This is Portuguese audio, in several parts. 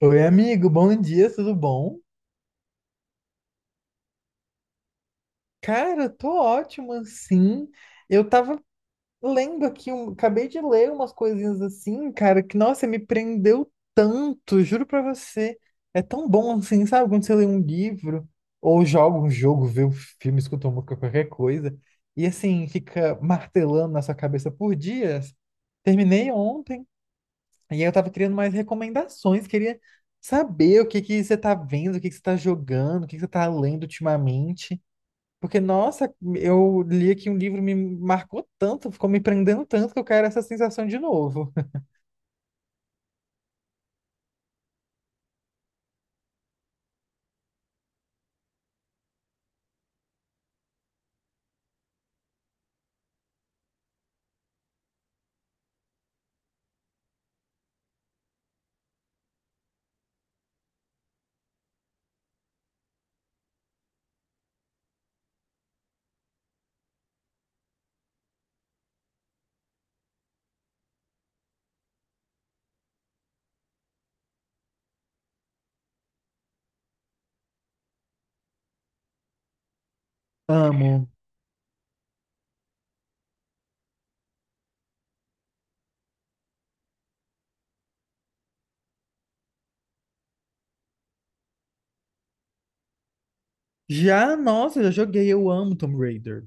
Oi, amigo, bom dia, tudo bom? Cara, tô ótimo, assim. Eu tava lendo aqui, acabei de ler umas coisinhas assim, cara, que, nossa, me prendeu tanto, juro pra você. É tão bom, assim, sabe, quando você lê um livro, ou joga um jogo, vê um filme, escuta uma música, qualquer coisa, e assim, fica martelando na sua cabeça por dias. Terminei ontem. E aí eu tava querendo mais recomendações, queria saber o que que você tá vendo, o que que você tá jogando, o que que você tá lendo ultimamente. Porque, nossa, eu li aqui um livro, me marcou tanto, ficou me prendendo tanto que eu quero essa sensação de novo. Amo. Já, nossa, já joguei, eu amo Tomb Raider.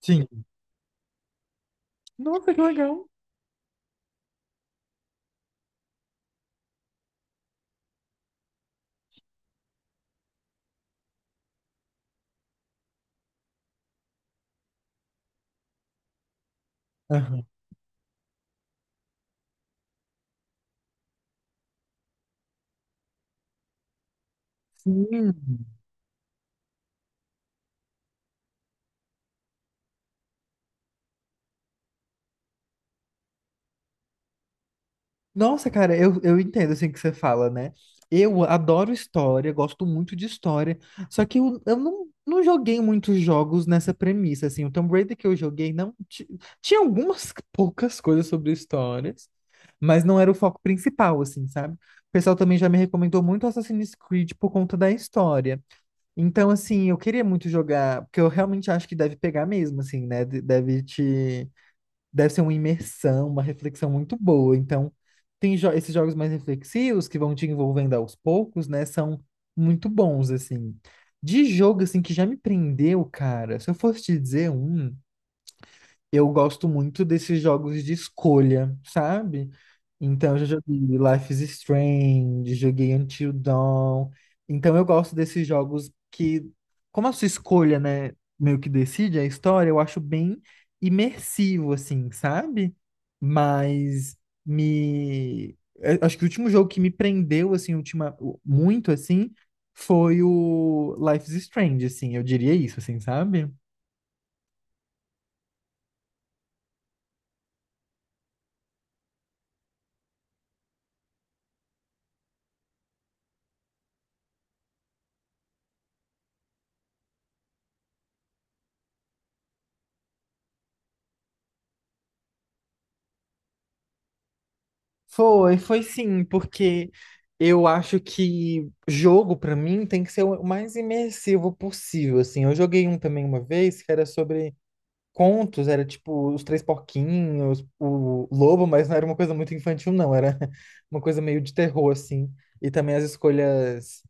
Sim. Nossa, que legal. Aham. Sim. Nossa, cara, eu entendo assim que você fala, né? Eu adoro história, gosto muito de história, só que eu não joguei muitos jogos nessa premissa, assim. O Tomb Raider que eu joguei não ti- tinha algumas poucas coisas sobre histórias, mas não era o foco principal, assim, sabe? O pessoal também já me recomendou muito Assassin's Creed por conta da história. Então, assim, eu queria muito jogar, porque eu realmente acho que deve pegar mesmo, assim, né? Deve ser uma imersão, uma reflexão muito boa. Então, esses jogos mais reflexivos que vão te envolvendo aos poucos, né? São muito bons, assim. De jogo, assim, que já me prendeu, cara. Se eu fosse te dizer um. Eu gosto muito desses jogos de escolha, sabe? Então, eu já joguei Life is Strange, joguei Until Dawn. Então, eu gosto desses jogos que, como a sua escolha, né, meio que decide a história, eu acho bem imersivo, assim, sabe? Mas me... eu acho que o último jogo que me prendeu, assim, muito, assim, foi o Life is Strange, assim, eu diria isso, assim, sabe? Foi sim, porque eu acho que jogo pra mim tem que ser o mais imersivo possível, assim. Eu joguei um também uma vez que era sobre contos, era tipo os Três Porquinhos, o Lobo, mas não era uma coisa muito infantil, não, era uma coisa meio de terror, assim. E também as escolhas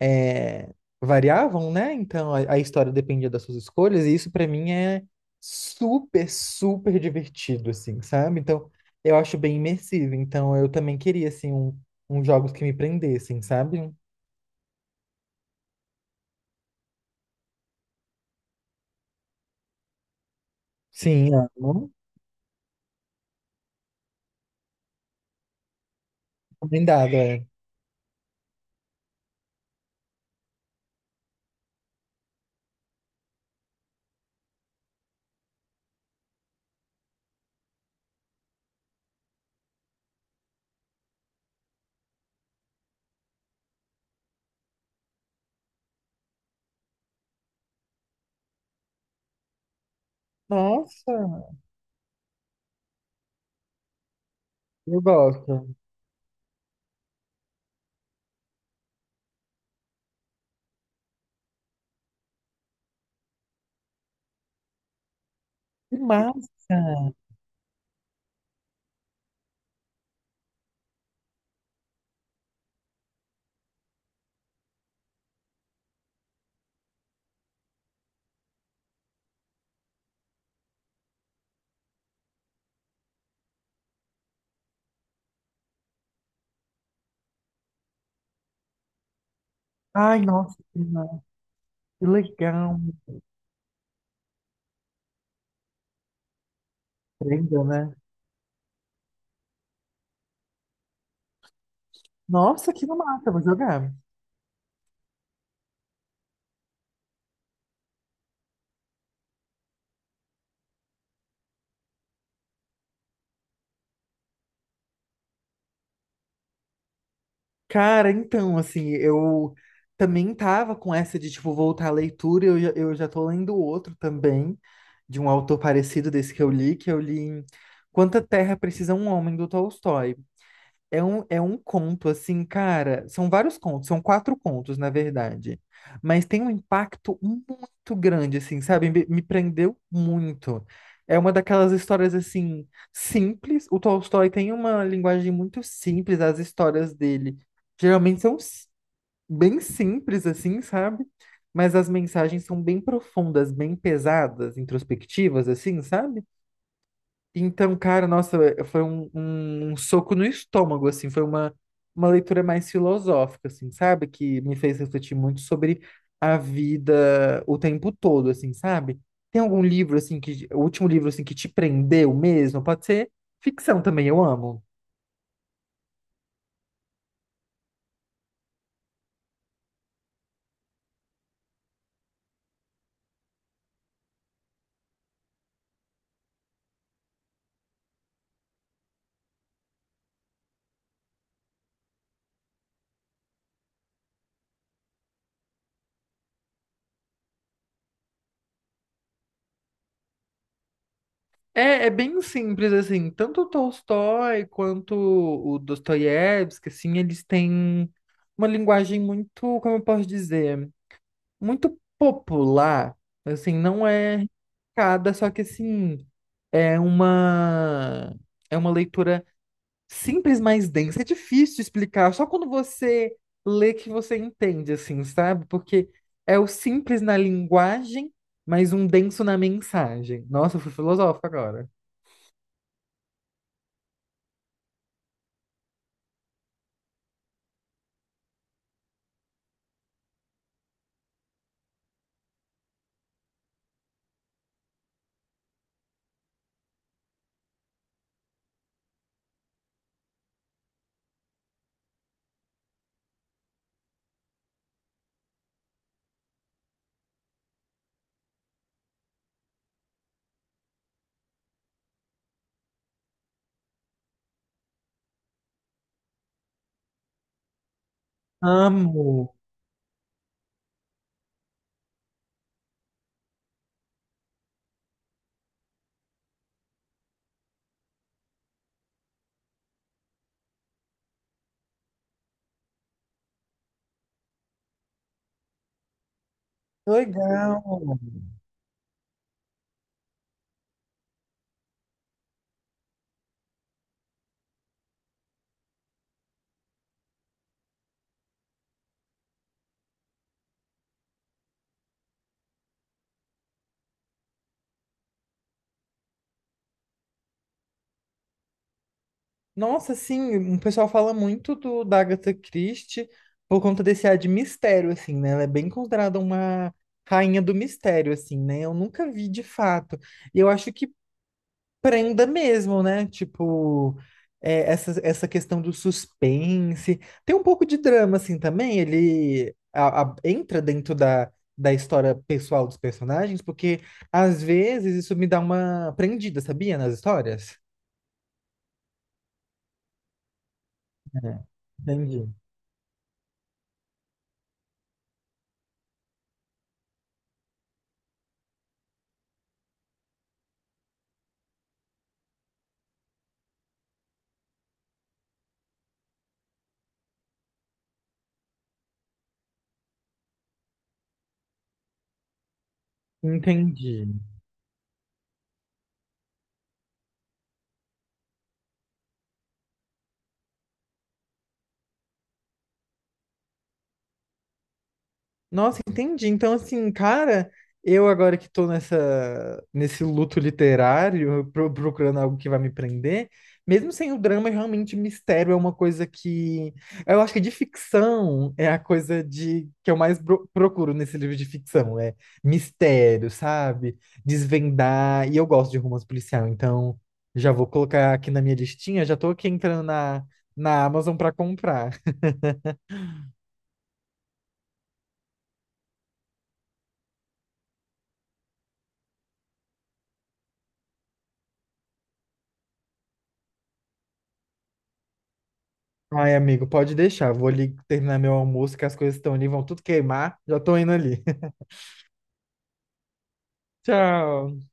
é, variavam, né? Então a história dependia das suas escolhas, e isso pra mim é super, super divertido, assim, sabe? Então eu acho bem imersivo. Então eu também queria, assim, uns jogos que me prendessem, sabe? Sim, amo. Recomendado, é. Nossa, eu gosto. Que massa! Ai, nossa, que massa. Que legal, me prenda, né? Nossa, que massa, vou jogar. Cara, então, assim, eu também tava com essa de, tipo, voltar à leitura, eu já tô lendo outro também, de um autor parecido desse que eu li, em Quanta Terra Precisa um Homem, do Tolstói. É um conto, assim, cara. São vários contos, são quatro contos, na verdade. Mas tem um impacto muito grande, assim, sabe? Me prendeu muito. É uma daquelas histórias, assim, simples. O Tolstói tem uma linguagem muito simples, as histórias dele geralmente são s- bem simples, assim, sabe? Mas as mensagens são bem profundas, bem pesadas, introspectivas, assim, sabe? Então, cara, nossa, foi um soco no estômago, assim, foi uma leitura mais filosófica, assim, sabe? Que me fez refletir muito sobre a vida o tempo todo, assim, sabe? Tem algum livro, assim, que, o último livro, assim, que te prendeu mesmo? Pode ser ficção também, eu amo. É, é bem simples, assim, tanto o Tolstói quanto o Dostoiévski, assim, eles têm uma linguagem muito, como eu posso dizer? Muito popular, assim, não é cada, só que assim, é uma é uma leitura simples, mas densa. É difícil explicar, só quando você lê que você entende, assim, sabe? Porque é o simples na linguagem, mas um denso na mensagem. Nossa, eu fui filosófico agora. Amo. Legal. Nossa, sim, o pessoal fala muito da Agatha Christie por conta desse ar de mistério, assim, né? Ela é bem considerada uma rainha do mistério, assim, né? Eu nunca vi de fato. E eu acho que prenda mesmo, né? Tipo, é, essa questão do suspense. Tem um pouco de drama, assim, também. Entra dentro da história pessoal dos personagens, porque às vezes isso me dá uma prendida, sabia? Nas histórias. É, entendi. Entendi. Nossa, entendi. Então, assim, cara, eu agora que tô nessa, nesse luto literário, procurando algo que vai me prender, mesmo sem o drama, realmente mistério é uma coisa que. Eu acho que de ficção é a coisa de que eu mais procuro nesse livro de ficção. É mistério, sabe? Desvendar. E eu gosto de romance policial, então já vou colocar aqui na minha listinha, já tô aqui entrando na Amazon pra comprar. Ai, amigo, pode deixar. Vou ali terminar meu almoço, que as coisas estão ali, vão tudo queimar. Já tô indo ali. Tchau.